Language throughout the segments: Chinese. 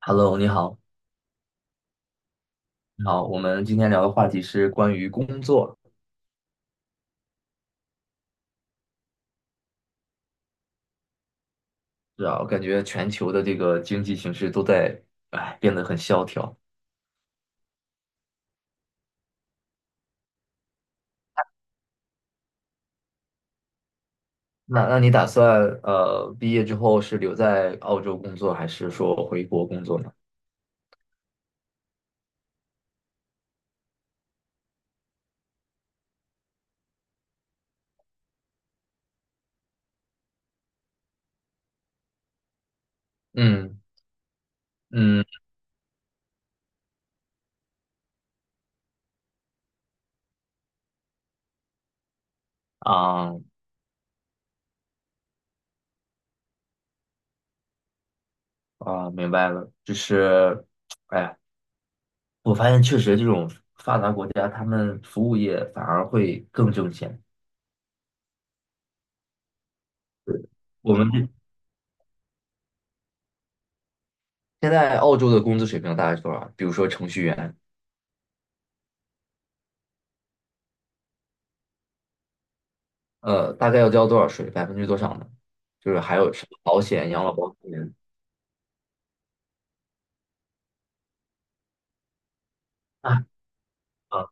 Hello，你好，你好，我们今天聊的话题是关于工作。是啊，我感觉全球的这个经济形势都在，哎，变得很萧条。那你打算毕业之后是留在澳洲工作，还是说回国工作呢？嗯嗯啊啊，明白了，就是，哎，我发现确实这种发达国家，他们服务业反而会更挣钱。对，我们这现在澳洲的工资水平大概是多少？比如说程序员。大概要交多少税，百分之多少呢？就是还有什么保险、养老保险啊啊。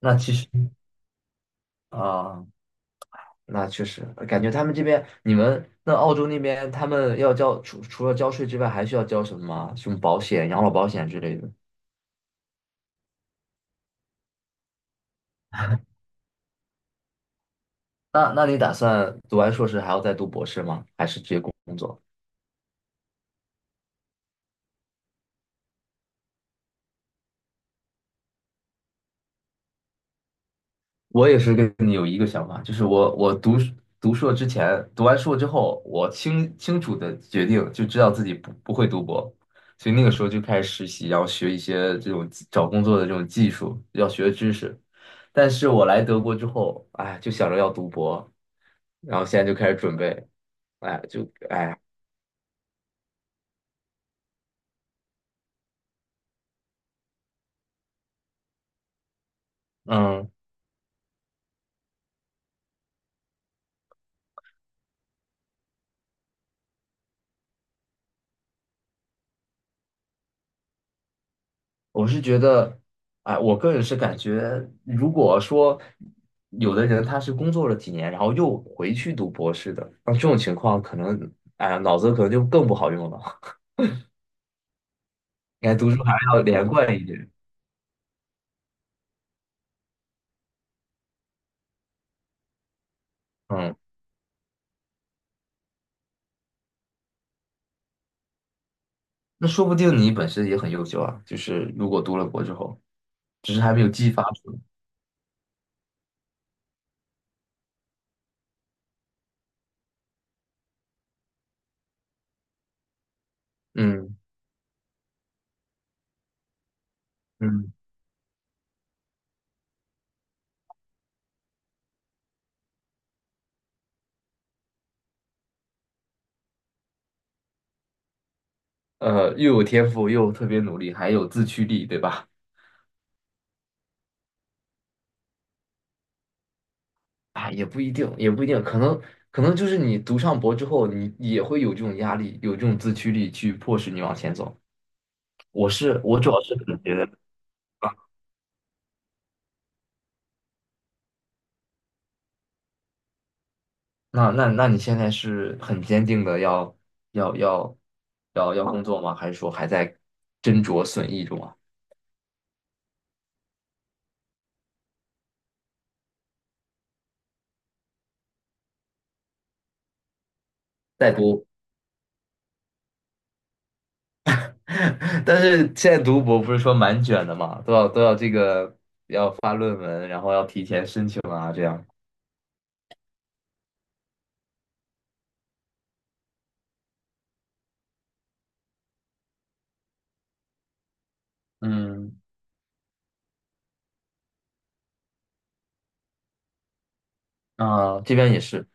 那其实啊，那确实感觉他们这边，你们那澳洲那边，他们要交除了交税之外，还需要交什么吗？什么保险、养老保险之类的？那你打算读完硕士还要再读博士吗？还是直接工作？我也是跟你有一个想法，就是我读书，读硕之前，读完硕之后，我清清楚的决定就知道自己不会读博，所以那个时候就开始实习，然后学一些这种技找工作的这种技术要学的知识。但是我来德国之后，哎，就想着要读博，然后现在就开始准备，哎，就哎，嗯。我是觉得，哎，我个人是感觉，如果说有的人他是工作了几年，然后又回去读博士的，那这种情况可能，哎呀，脑子可能就更不好用了。应该读书还是要连贯一点。嗯，那说不定你本身也很优秀啊，就是如果读了博之后，只是还没有激发出来。嗯嗯，又有天赋，又特别努力，还有自驱力，对吧？啊，也不一定，也不一定，可能，就是你读上博之后，你也会有这种压力，有这种自驱力去迫使你往前走。我是我主要是可能觉得，那你现在是很坚定的要要要工作吗？还是说还在斟酌损益中啊？在读，但是现在读博不是说蛮卷的嘛，都要这个要发论文，然后要提前申请啊，这样。嗯，啊、这边也是。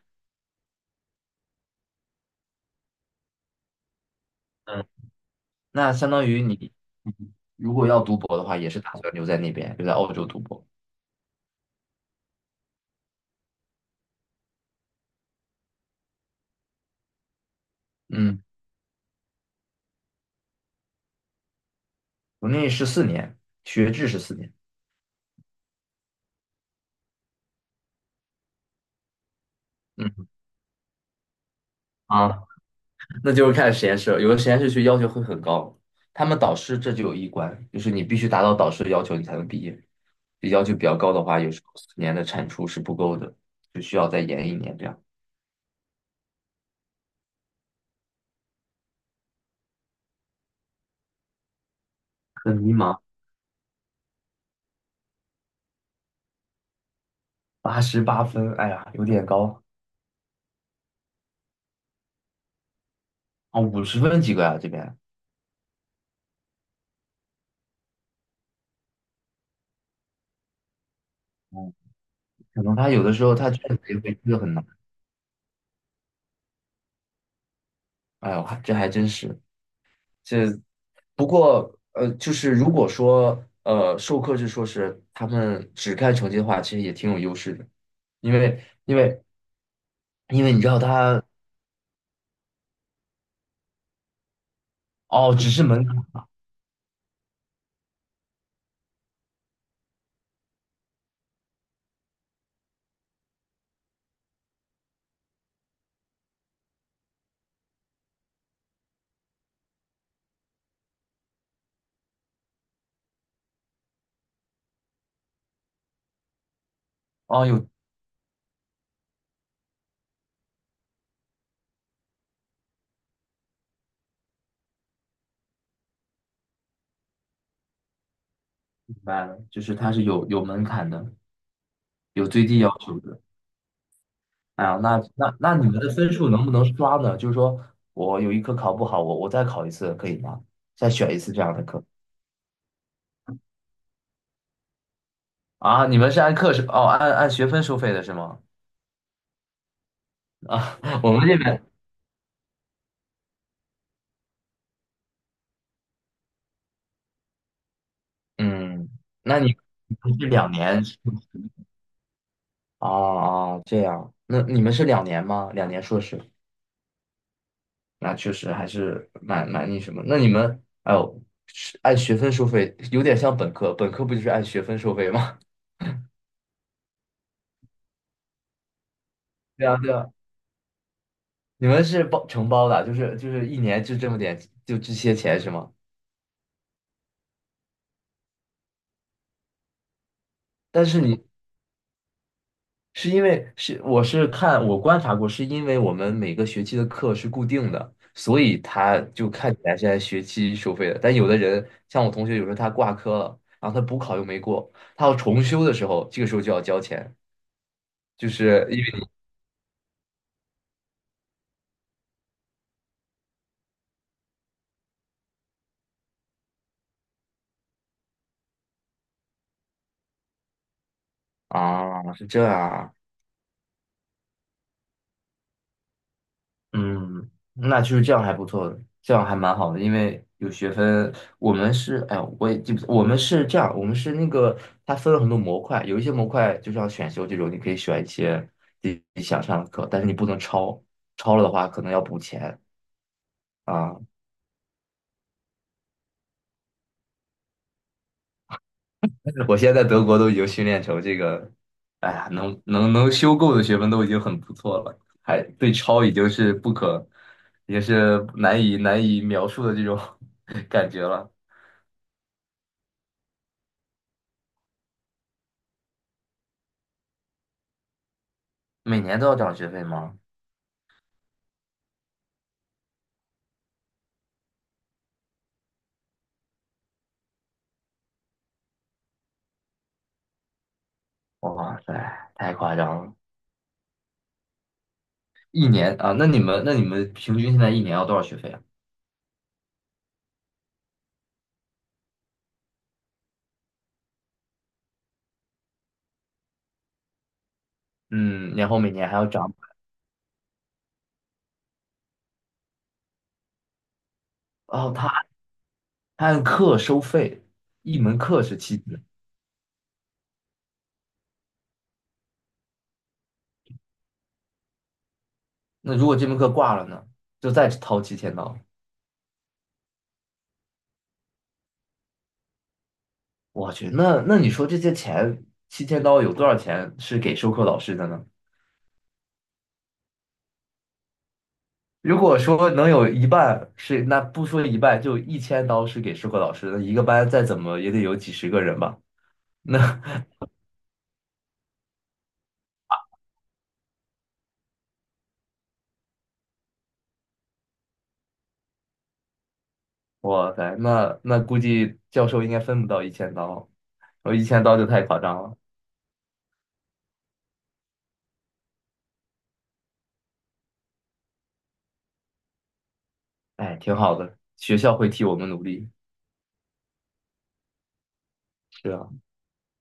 嗯。那相当于你，嗯，如果要读博的话，也是打算留在那边，留在澳洲读博。嗯，我内14年，学制是四年。嗯啊，那就是看实验室了，有的实验室去要求会很高，他们导师这就有一关，就是你必须达到导师的要求，你才能毕业。就要求比较高的话，有时候四年的产出是不够的，就需要再延一年这样。很迷茫，88分，哎呀，有点高啊，50分几个啊这边。嗯，可能他有的时候他卷子也会出的很难，哎呦，还这还真是。这不过就是如果说授课制硕士他们只看成绩的话，其实也挺有优势的，因为因为因为你知道他，哦，只是门槛，哦，有明白了，就是他是有门槛的，有最低要求的。哎呀，那你们的分数能不能刷呢？就是说我有一科考不好，我再考一次可以吗？再选一次这样的课啊？你们是按课是哦，按学分收费的是吗？啊，我们这边嗯，那你是两年是吗，啊啊，这样，那你们是两年吗？两年硕士，那确实还是蛮那什么。那你们，哎呦，是按学分收费，有点像本科，本科不就是按学分收费吗？对啊，对啊，你们是包承包的，就是一年就这么点，就这些钱是吗？但是你是因为是我是看我观察过，是因为我们每个学期的课是固定的，所以他就看起来是按学期收费的。但有的人像我同学，有时候他挂科了，然后他补考又没过，他要重修的时候，这个时候就要交钱，就是因为啊是这样啊。嗯，那就是这样还不错的，这样还蛮好的，因为有学分。我们是，哎呀，我也记不，我们是这样，我们是那个，它分了很多模块，有一些模块就像选修这种，你可以选一些自己想上的课，但是你不能超，超了的话可能要补钱啊。我现在在德国都已经训练成这个，哎呀，能修够的学分都已经很不错了，还对超已经是不可，也是难以描述的这种 感觉了。每年都要涨学费吗？哇塞，太夸张了！一年啊，那你们平均现在一年要多少学费啊？嗯，然后每年还要涨。哦，他按课收费，一门课是七千。那如果这门课挂了呢，就再掏七千刀。我去，那你说这些钱，七千刀有多少钱是给授课老师的呢？如果说能有一半是，那不说一半，就一千刀是给授课老师的，一个班再怎么也得有几十个人吧。那。哇塞，那估计教授应该分不到一千刀，我一千刀就太夸张了。哎，挺好的，学校会替我们努力。是啊。